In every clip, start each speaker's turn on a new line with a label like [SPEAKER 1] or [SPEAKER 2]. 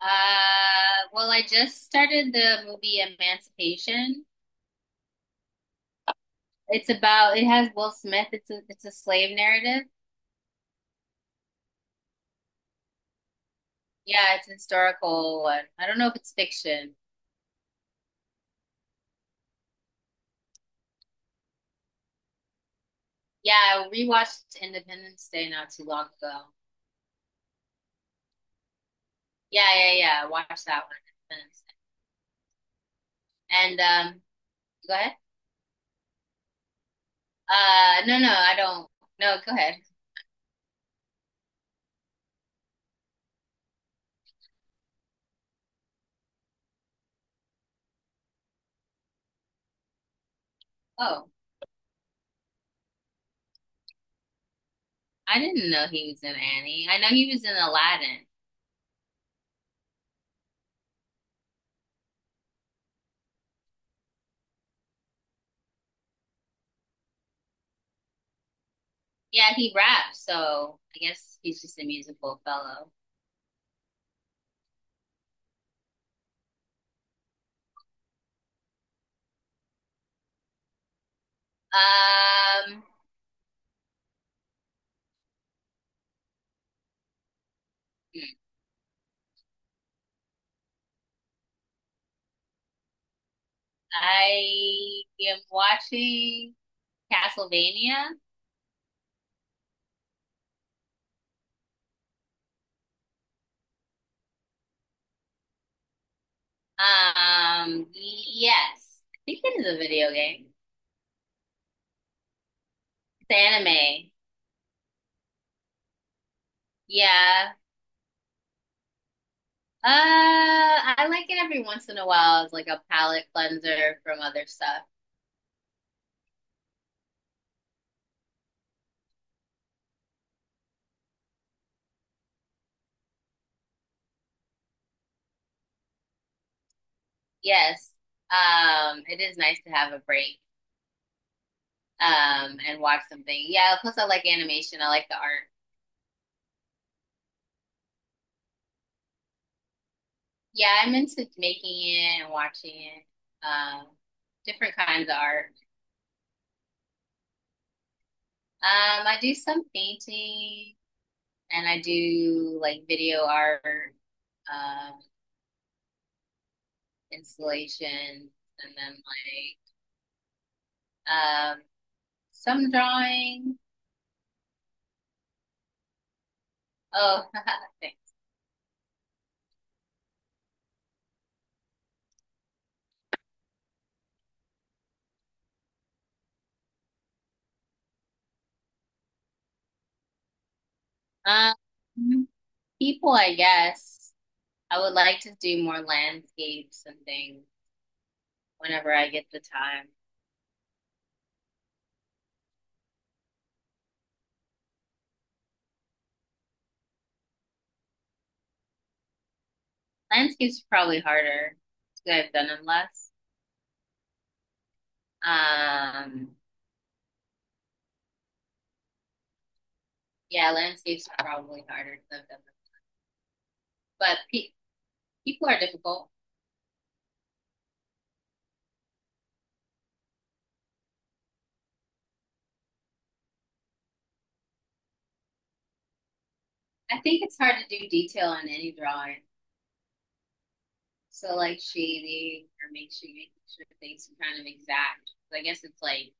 [SPEAKER 1] Well, I just started the movie Emancipation. It's about it has Will Smith. It's a slave narrative. Yeah, it's a historical one. I don't know if it's fiction. Yeah, I rewatched Independence Day not too long ago. Yeah, yeah, yeah. I watched that one. Independence Day. And um, go ahead. No, I don't. No, go ahead. Oh, I didn't know he was in Annie. I know he was in Aladdin. Yeah, he raps, so I guess he's just a musical fellow. Um, I am watching Castlevania. Yes, I think it is a video game. It's anime. Yeah. I like it every once in a while as like a palate cleanser from other stuff. Yes. It is nice to have a break. And watch something. Yeah. Plus, I like animation. I like the art. Yeah, I'm into making it and watching it. Um, different kinds of art. I do some painting and I do like video art, um, installation, and then um, some drawing. Oh, thanks. um, People, I guess. I would like to do more landscapes and things whenever I get the time. Landscapes are probably harder because I've done them less. Um, yeah, landscapes are probably harder because I've done them. But pe people are difficult. I think it's hard to do detail on any drawing. So like shading or make sure things are kind of exact. So I guess it's like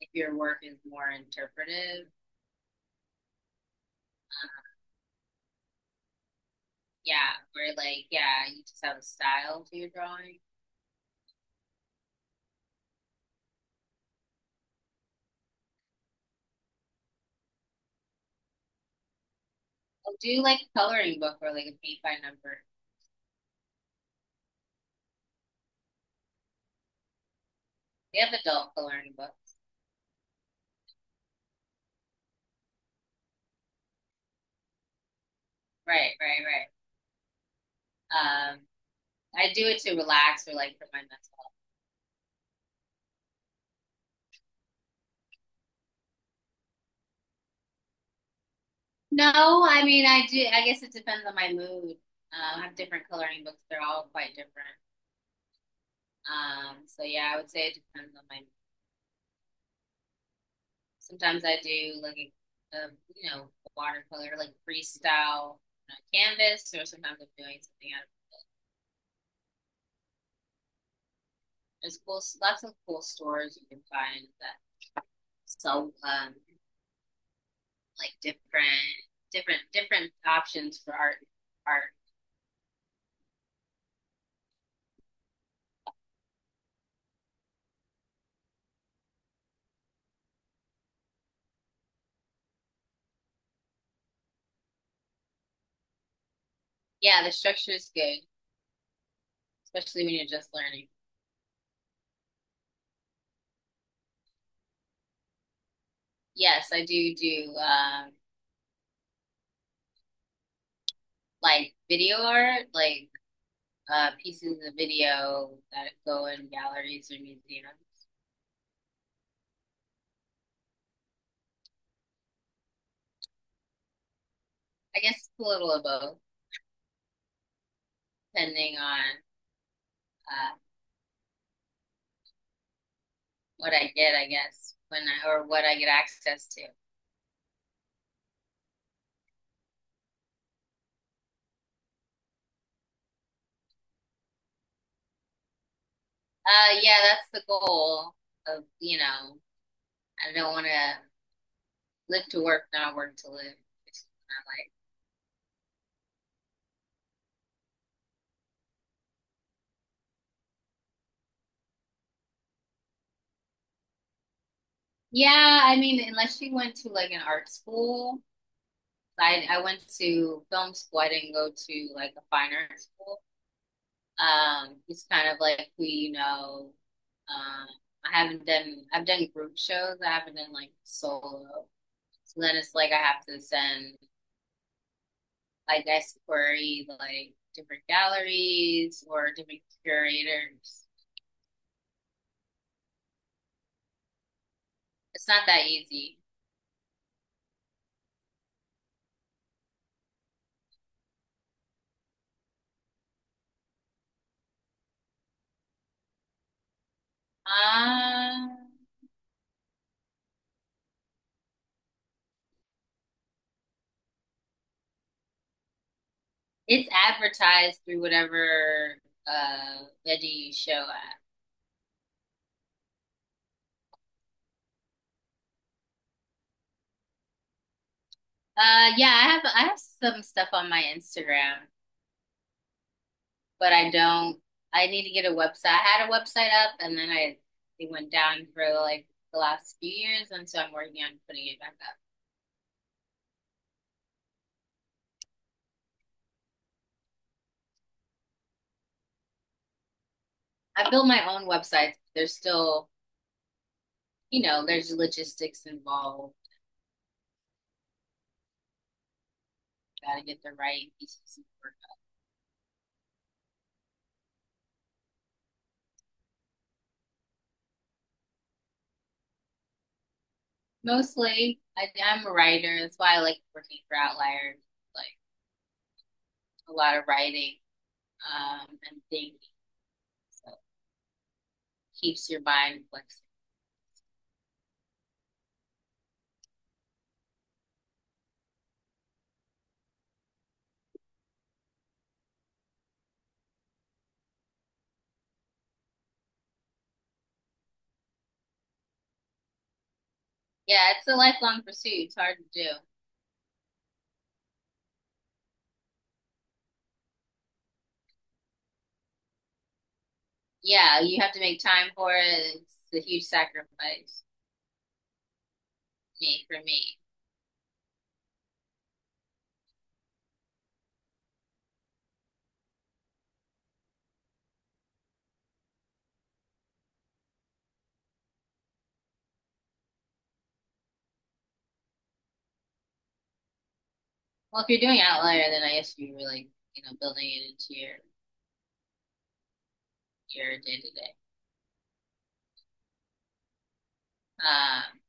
[SPEAKER 1] if your work is more interpretive, yeah, or like yeah, you just have a style to your drawing. I'll do like a coloring book or like a paint by number. They have adult coloring books. Right, right, right. I do it to relax or like for my mental health. No, I mean I do. I guess it depends on my mood. I have different coloring books. They're all quite different. So yeah, I would say it depends on my. Sometimes I do like a you know watercolor like freestyle on a canvas, or sometimes I'm doing something out. Of, there's cool, lots of cool stores you can find that sell like different options for art. Art, yeah, the structure is good, especially when you're just learning. Yes, I do like video art, like pieces of video that go in galleries or museums. I guess a little of both, depending on uh, what I get, I guess, when I, or what I get access to. Yeah, that's the goal of, you know, I don't want to live to work, not work to live. It's not like, yeah, I mean, unless you went to like an art school, I went to film school. I didn't go to like a fine art school. It's kind of like we, you know, um, I've done group shows. I haven't done like solo. So then it's like I have to send, like, I guess, query like different galleries or different curators. It's not that easy. Um, it's advertised through whatever veggie show at. Yeah, I have some stuff on my Instagram, but I don't. I need to get a website. I had a website up, and then I it went down for like the last few years, and so I'm working on putting it back up. I built my own websites. They're still you know, there's logistics involved. Gotta get the right pieces of work. Mostly, I'm a writer. That's why I like working for Outliers. Like a lot of writing and thinking, so keeps your mind flexible. Yeah, it's a lifelong pursuit. It's hard to do. Yeah, you have to make time for it. It's a huge sacrifice. Me For me. Well, if you're doing Outlier, then I guess you're really you know building it into your day to day. Um,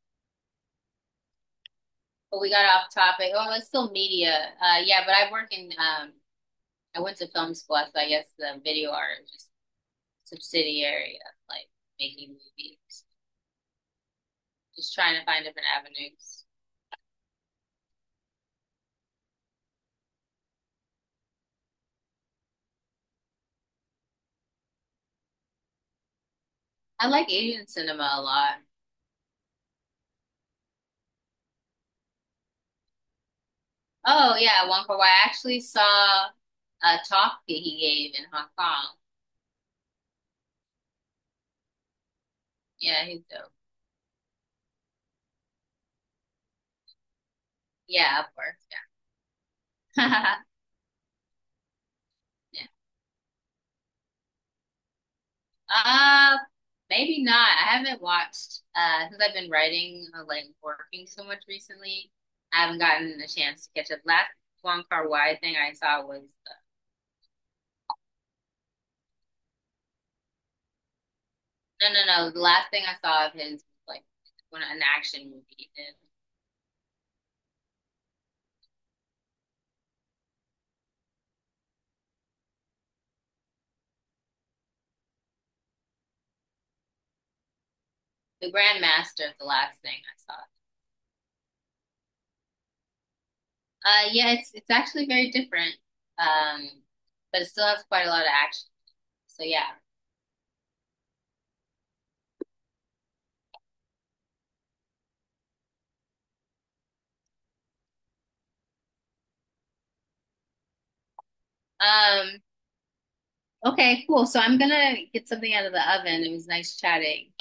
[SPEAKER 1] But we got off topic. Oh, it's still media. Yeah, but I work in. I went to film school, so I guess the video art is just subsidiary of like making movies. Just trying to find different avenues. I like Asian cinema a lot. Oh yeah, Wong Kar Wai. I actually saw a talk that he gave in Hong Kong. Yeah, he's dope. Yeah, of course. Yeah. Uh, Maybe not. I haven't watched since I've been writing like working so much recently. I haven't gotten a chance to catch up. Last Wong Kar-wai thing I saw was no, no, no. The last thing I saw of his was like when an action movie, and the Grand Master of the last thing I saw. Yeah, it's actually very different. Um, but it still has quite a lot of action. So yeah. Um, okay, cool. So I'm gonna get something out of the oven. It was nice chatting.